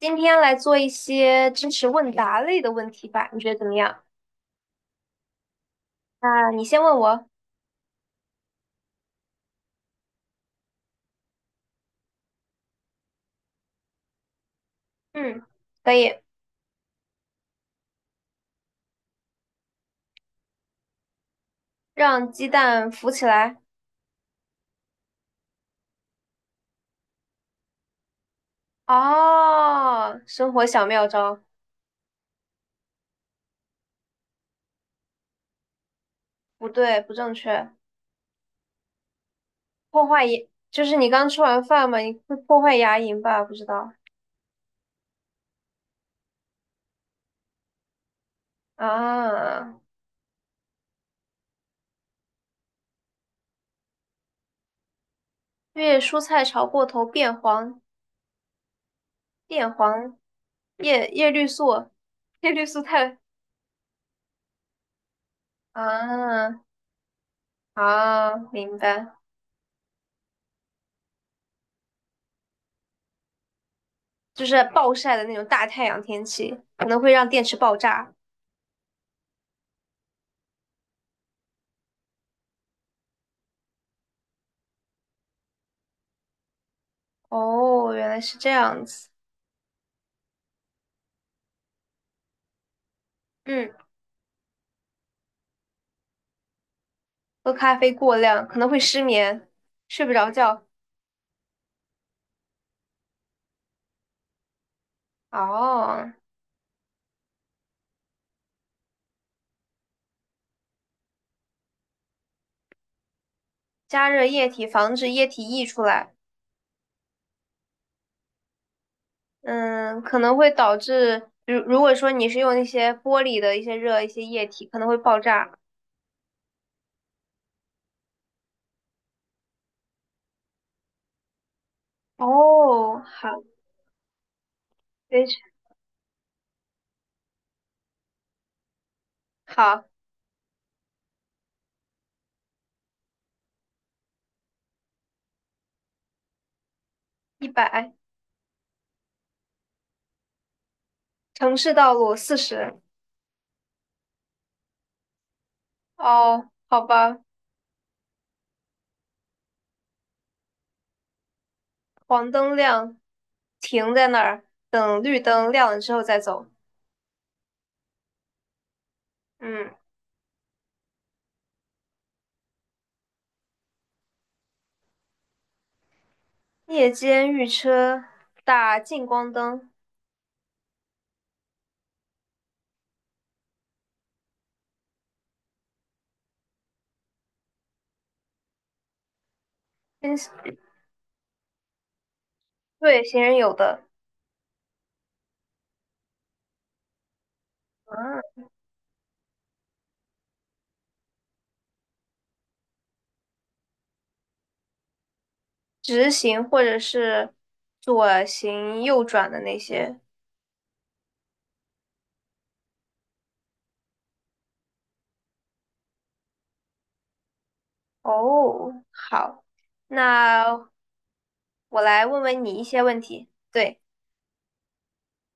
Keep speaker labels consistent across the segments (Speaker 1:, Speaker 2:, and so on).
Speaker 1: 今天来做一些知识问答类的问题吧，你觉得怎么样？啊，你先问我。嗯，可以。让鸡蛋浮起来。哦，生活小妙招。不对，不正确。破坏牙，就是你刚吃完饭嘛，你会破坏牙龈吧？不知道啊。因为蔬菜炒过头变黄，变黄，叶绿素，叶绿素太啊啊，明白。就是暴晒的那种大太阳天气，可能会让电池爆炸。哦，原来是这样子。嗯，喝咖啡过量可能会失眠，睡不着觉。哦，加热液体防止液体溢出来。嗯，可能会导致，如果说你是用那些玻璃的一些热一些液体，可能会爆炸。哦，好，非常好，100，城市道路40。哦，好吧。黄灯亮，停在那儿，等绿灯亮了之后再走。嗯，夜间遇车打近光灯，嗯，对行人有的，嗯，直行或者是左行右转的那些。哦，好，那我来问问你一些问题。对，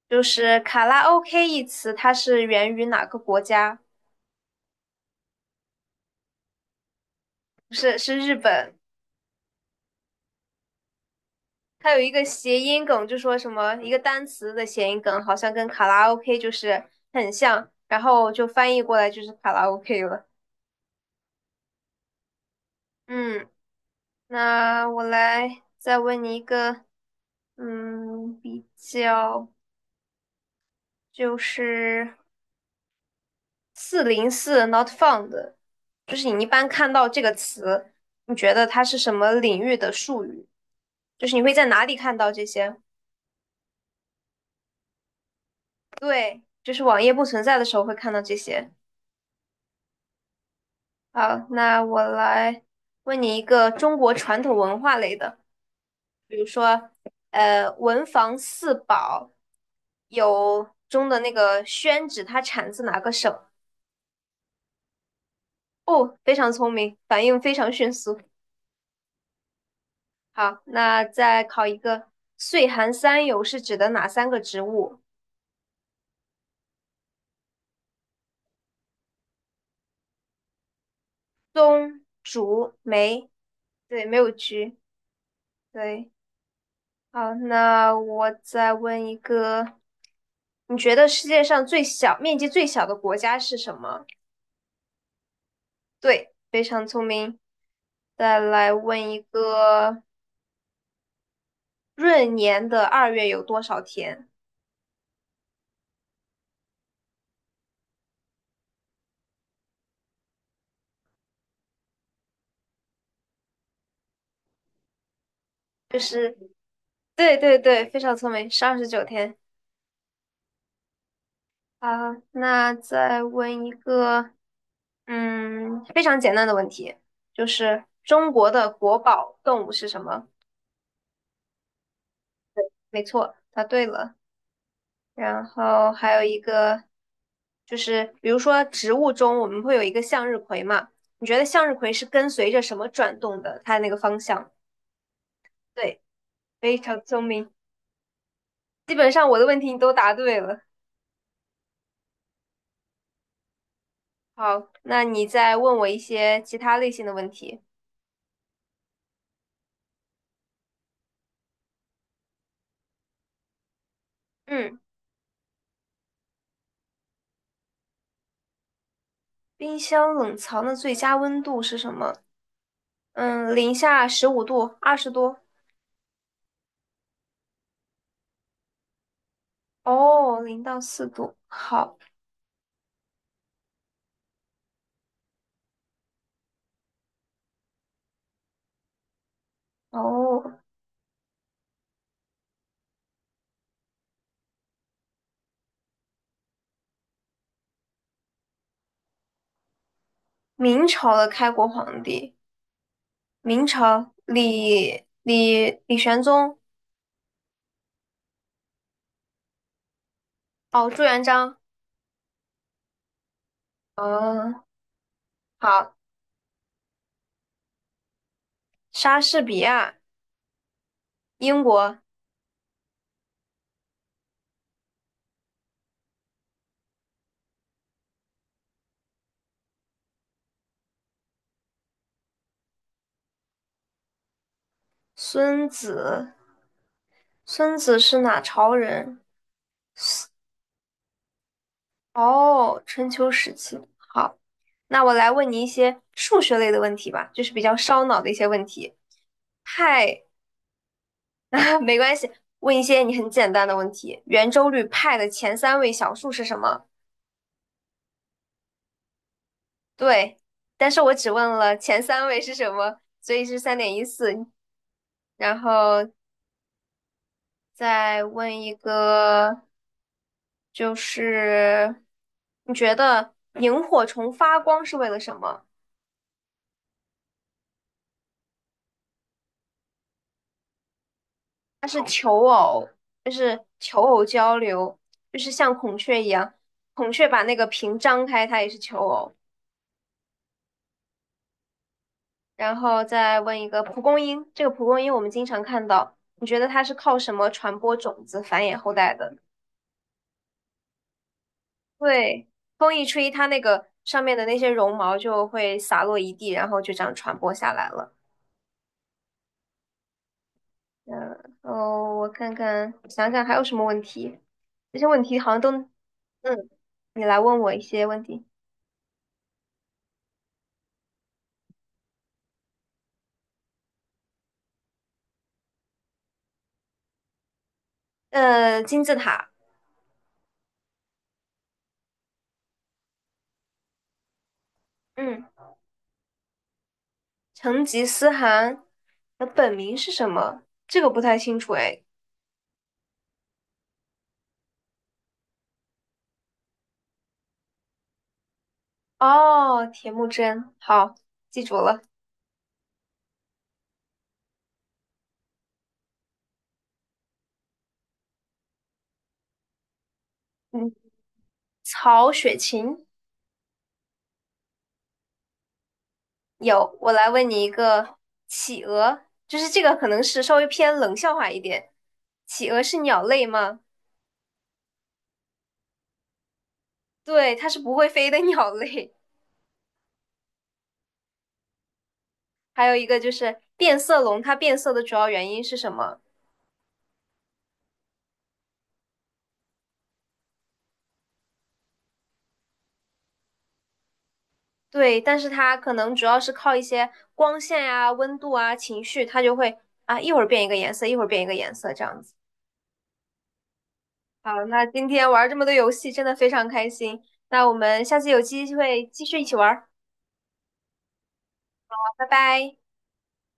Speaker 1: 就是卡拉 OK 一词，它是源于哪个国家？不是，是日本。它有一个谐音梗，就说什么一个单词的谐音梗，好像跟卡拉 OK 就是很像，然后就翻译过来就是卡拉 OK 了。嗯，那我来再问你一个，嗯，比较就是404 not found，就是你一般看到这个词，你觉得它是什么领域的术语？就是你会在哪里看到这些？对，就是网页不存在的时候会看到这些。好，那我来问你一个中国传统文化类的，比如说，文房四宝有中的那个宣纸，它产自哪个省？哦，非常聪明，反应非常迅速。好，那再考一个，岁寒三友是指的哪三个植物？松、竹、梅。对，没有菊。对，好，那我再问一个，你觉得世界上最小面积最小的国家是什么？对，非常聪明。再来问一个，闰年的二月有多少天？就是对对对，非常聪明，是29天。好，那再问一个，嗯，非常简单的问题，就是中国的国宝动物是什么？没错，答对了。然后还有一个，就是比如说植物中我们会有一个向日葵嘛，你觉得向日葵是跟随着什么转动的？它的那个方向？对。非常聪明，基本上我的问题你都答对了。好，那你再问我一些其他类型的问题。嗯，冰箱冷藏的最佳温度是什么？嗯，零下15度、20度。哦，0到4度。好。哦，明朝的开国皇帝，明朝李李李玄宗。哦，朱元璋。嗯，好。莎士比亚，英国。孙子，孙子是哪朝人？哦，春秋时期。好，那我来问你一些数学类的问题吧，就是比较烧脑的一些问题。派，啊，没关系，问一些你很简单的问题。圆周率派的前三位小数是什么？对，但是我只问了前三位是什么，所以是3.14。然后再问一个，就是你觉得萤火虫发光是为了什么？它是求偶，就是求偶交流，就是像孔雀一样，孔雀把那个屏张开，它也是求偶。然后再问一个蒲公英，这个蒲公英我们经常看到，你觉得它是靠什么传播种子、繁衍后代的？对，风一吹，它那个上面的那些绒毛就会洒落一地，然后就这样传播下来了。嗯，哦，我看看，想想还有什么问题？这些问题好像都，嗯，你来问我一些问题。金字塔。嗯，成吉思汗的本名是什么？这个不太清楚哎。哦，铁木真，好，记住了。嗯，曹雪芹。有，我来问你一个，企鹅，就是这个可能是稍微偏冷笑话一点。企鹅是鸟类吗？对，它是不会飞的鸟类。还有一个就是变色龙，它变色的主要原因是什么？对，但是它可能主要是靠一些光线呀、温度啊、情绪，它就会一会儿变一个颜色，一会儿变一个颜色这样子。好，那今天玩这么多游戏，真的非常开心。那我们下次有机会继续一起玩儿。好，拜拜。